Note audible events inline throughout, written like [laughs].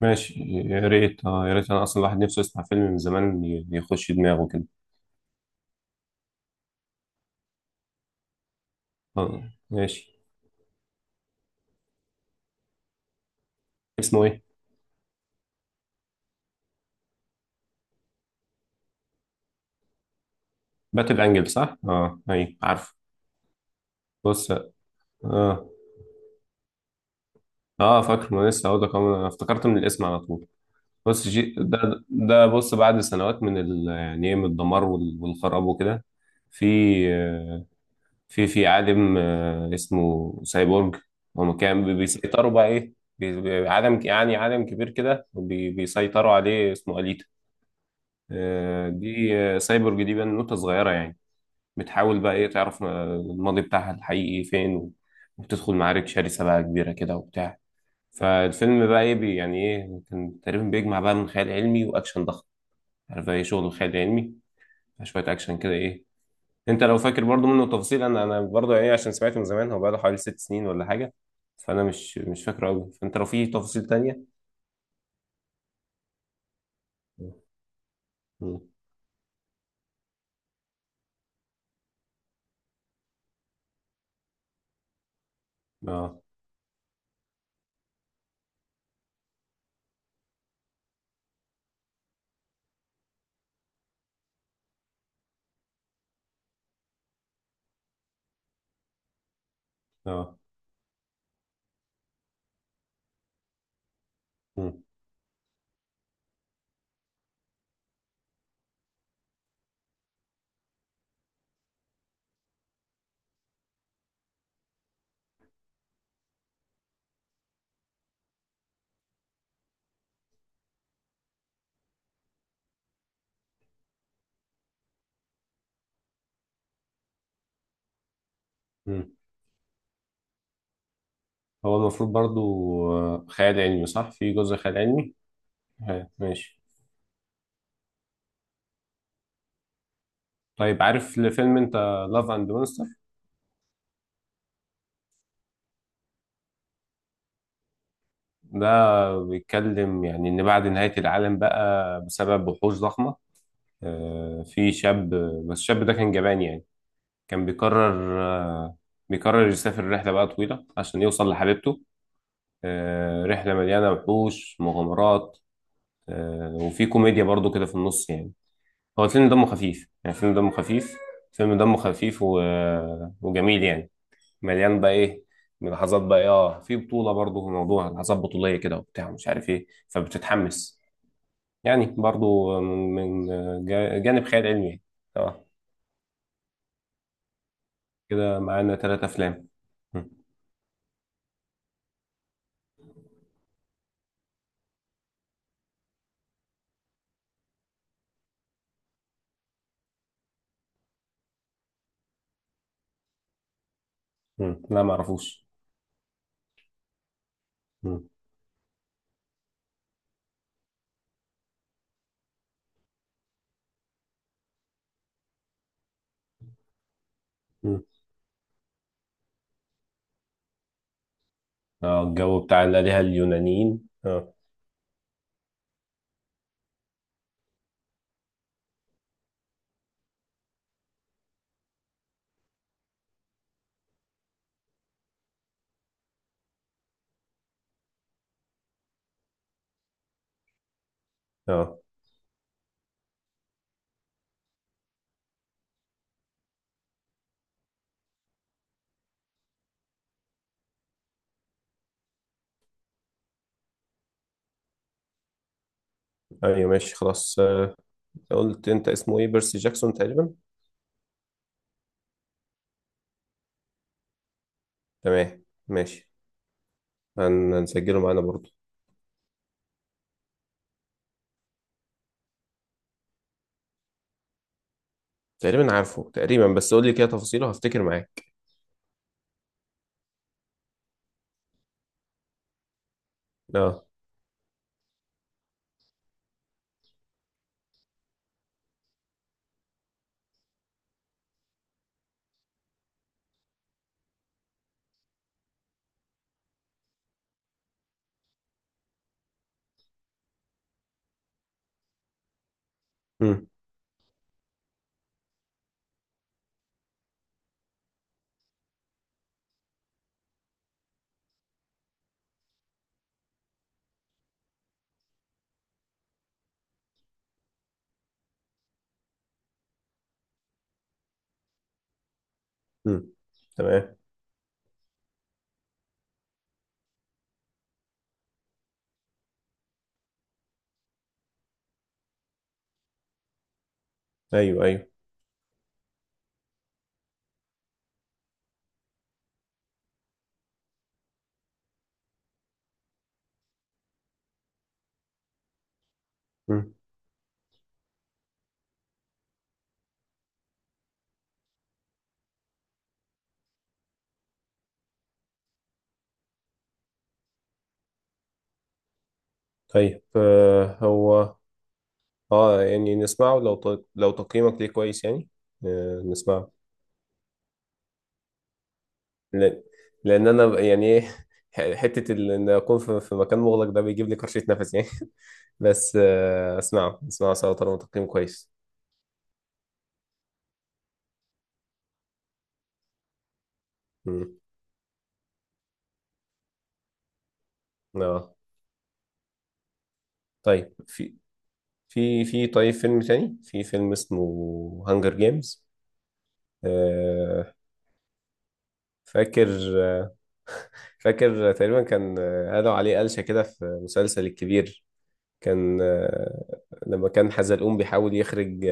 ماشي، يا ريت يا ريت، انا اصلا الواحد نفسه يسمع فيلم من زمان يخش دماغه كده. اه، ماشي. اسمه ايه؟ باتل انجل صح؟ اه، اي عارف. بص، اه. اه، فاكر ما لسه هقول لك أهو، انا افتكرت من الاسم على طول. بص، جي ده، بص، بعد سنوات يعني ايه من الدمار والخراب وكده. في، آه، في عالم، اسمه سايبورج. هم كان بيسيطروا بقى ايه، عالم يعني عالم كبير كده بيسيطروا عليه، اسمه أليتا. دي سايبورج دي بنوتة صغيرة يعني. بتحاول بقى ايه تعرف الماضي بتاعها الحقيقي فين. وبتدخل معارك شرسة بقى كبيرة كده وبتاع. فالفيلم بقى ايه، يعني ايه كان تقريبا بيجمع بقى من خيال علمي واكشن ضخم. عارف بقى ايه شغل الخيال العلمي، شوية اكشن كده ايه. انت لو فاكر برضو منه تفاصيل، انا برضو يعني عشان سمعته من زمان، هو بقى له حوالي 6 سنين ولا حاجة. فانا مش فاكره قوي، فانت لو في تفاصيل تانية. مم. اه، اه. مم. هو المفروض برضو، خيال علمي صح، في جزء خيال علمي. ماشي. طيب، عارف الفيلم انت لاف اند مونستر؟ ده بيتكلم يعني ان بعد نهاية العالم بقى بسبب وحوش ضخمة، في شاب. بس الشاب ده كان جبان يعني، كان بيقرر يسافر رحلة بقى طويلة عشان يوصل لحبيبته. رحلة مليانة وحوش مغامرات. وفي كوميديا برضو كده في النص يعني. هو الفيلم دمه خفيف يعني، فيلم دمه خفيف، فيلم دمه خفيف وجميل يعني. مليان بقى ايه لحظات بقى إيه، اه في بطولة برضه، موضوع لحظات بطولية كده وبتاع مش عارف ايه فبتتحمس، يعني برضه من جانب خيال علمي يعني. اه. كده معانا 3 افلام. مم. مم. لا، ما اعرفوش. مم. مم. اه، الجو بتاع الآلهة اليونانيين، اه. اه، ايوه، ماشي خلاص. قلت انت اسمه ايه، بيرسي جاكسون تقريبا؟ تمام، ماشي. هنسجله معانا برضه. تقريبا عارفه تقريبا، بس قول لي كده تفاصيله هفتكر معاك. اه. امم. امم. تمام. ايوه، ايوه. امم. طيب، هو اه يعني نسمعه لو لو تقييمك ليه كويس يعني. آه، نسمعه. لأن... لان انا يعني ايه. [laughs] حته ان اكون في مكان مغلق ده بيجيب لي كرشه نفس يعني. [laughs] بس، اسمعه اسمعه سوا طالما تقييم كويس. امم. اه. طيب في طيب فيلم تاني، في فيلم اسمه هانجر جيمز. فاكر فاكر تقريبا كان قالوا عليه قلشة كده في مسلسل الكبير. كان آه، لما كان حزلقوم بيحاول يخرج.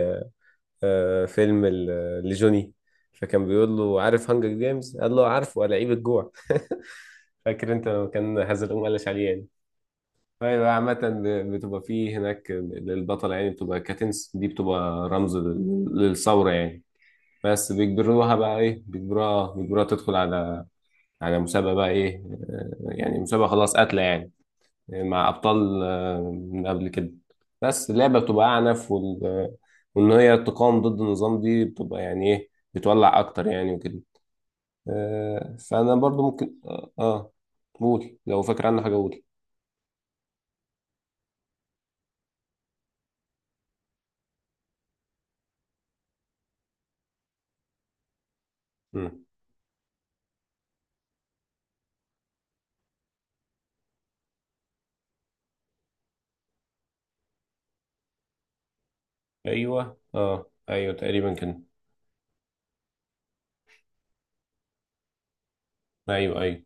فيلم لجوني. فكان بيقول له عارف هانجر جيمز؟ قال له عارفه، لعيب الجوع. [laughs] فاكر انت لما كان حزلقوم قلش عليه يعني. فهي بقى عامة، بتبقى فيه هناك البطلة يعني، بتبقى كاتنس دي بتبقى رمز للثورة يعني. بس بيجبروها بقى ايه، بيجبروها تدخل على مسابقة بقى إيه، يعني مسابقة خلاص قاتلة يعني، مع أبطال من قبل كده. بس اللعبة بتبقى أعنف وإن هي تقاوم ضد النظام دي بتبقى يعني إيه، بتولع أكتر يعني وكده. فأنا برضو ممكن. قول لو فاكر عنها حاجة، قول. مم. أيوه، أيوه تقريبا كده. أيوه، أيوه،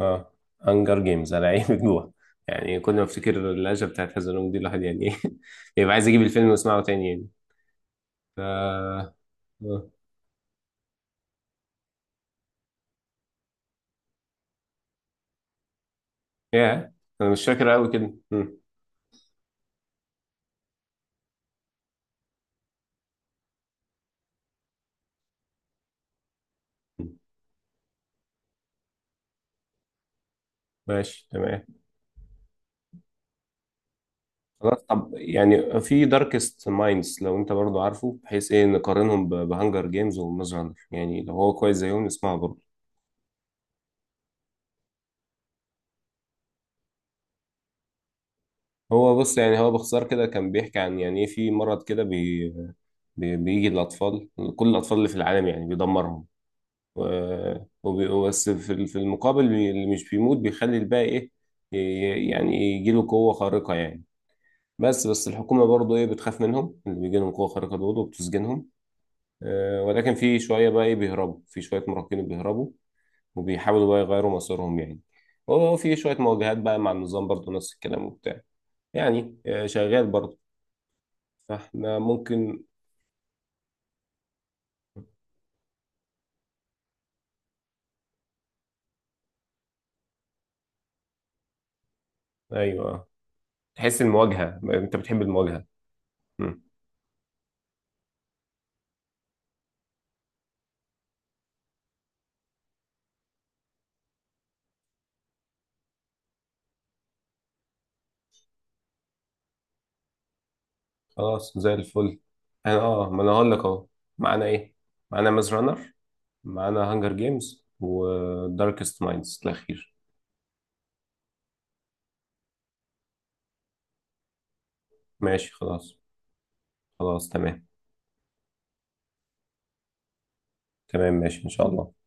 آه. هانجر جيمز، أنا عيب جوع يعني، كل ما أفتكر اللهجة بتاعت حزلوم دي، الواحد يعني إيه. [laughs] يبقى عايز أجيب الفيلم وأسمعه تاني يعني. ف... آه. ياه. انا مش فاكر قوي كده. مم. ماشي تمام. خلاص، طب يعني في داركست مايندز لو انت برضو عارفه، بحيث ايه نقارنهم بهانجر جيمز وماز رانر يعني، لو هو كويس زيهم نسمعه برضه. هو بص يعني، هو باختصار كده كان بيحكي عن يعني ايه، في مرض كده بي بي بيجي للاطفال، كل الاطفال اللي في العالم يعني بيدمرهم. و- بس في في المقابل، اللي مش بيموت بيخلي الباقي ايه، يعني يجيله قوة خارقة يعني. بس الحكومة برضو إيه بتخاف منهم، اللي بيجي لهم قوة خارقة دول وبتسجنهم. ولكن في شوية بقى إيه بيهربوا، في شوية مراهقين بيهربوا، وبيحاولوا بقى يغيروا مصيرهم يعني. وفي شوية مواجهات بقى مع النظام برضو نفس الكلام وبتاع، يعني شغال برضو. فإحنا ممكن. أيوه، تحس المواجهة، أنت بتحب المواجهة. مم. خلاص، زي الفل. أنا ما أنا هقول لك أهو. معانا إيه؟ معانا ماز رانر، معانا هانجر جيمز وداركست مايندز الأخير. ماشي، خلاص. خلاص، تمام. تمام، ماشي إن شاء الله.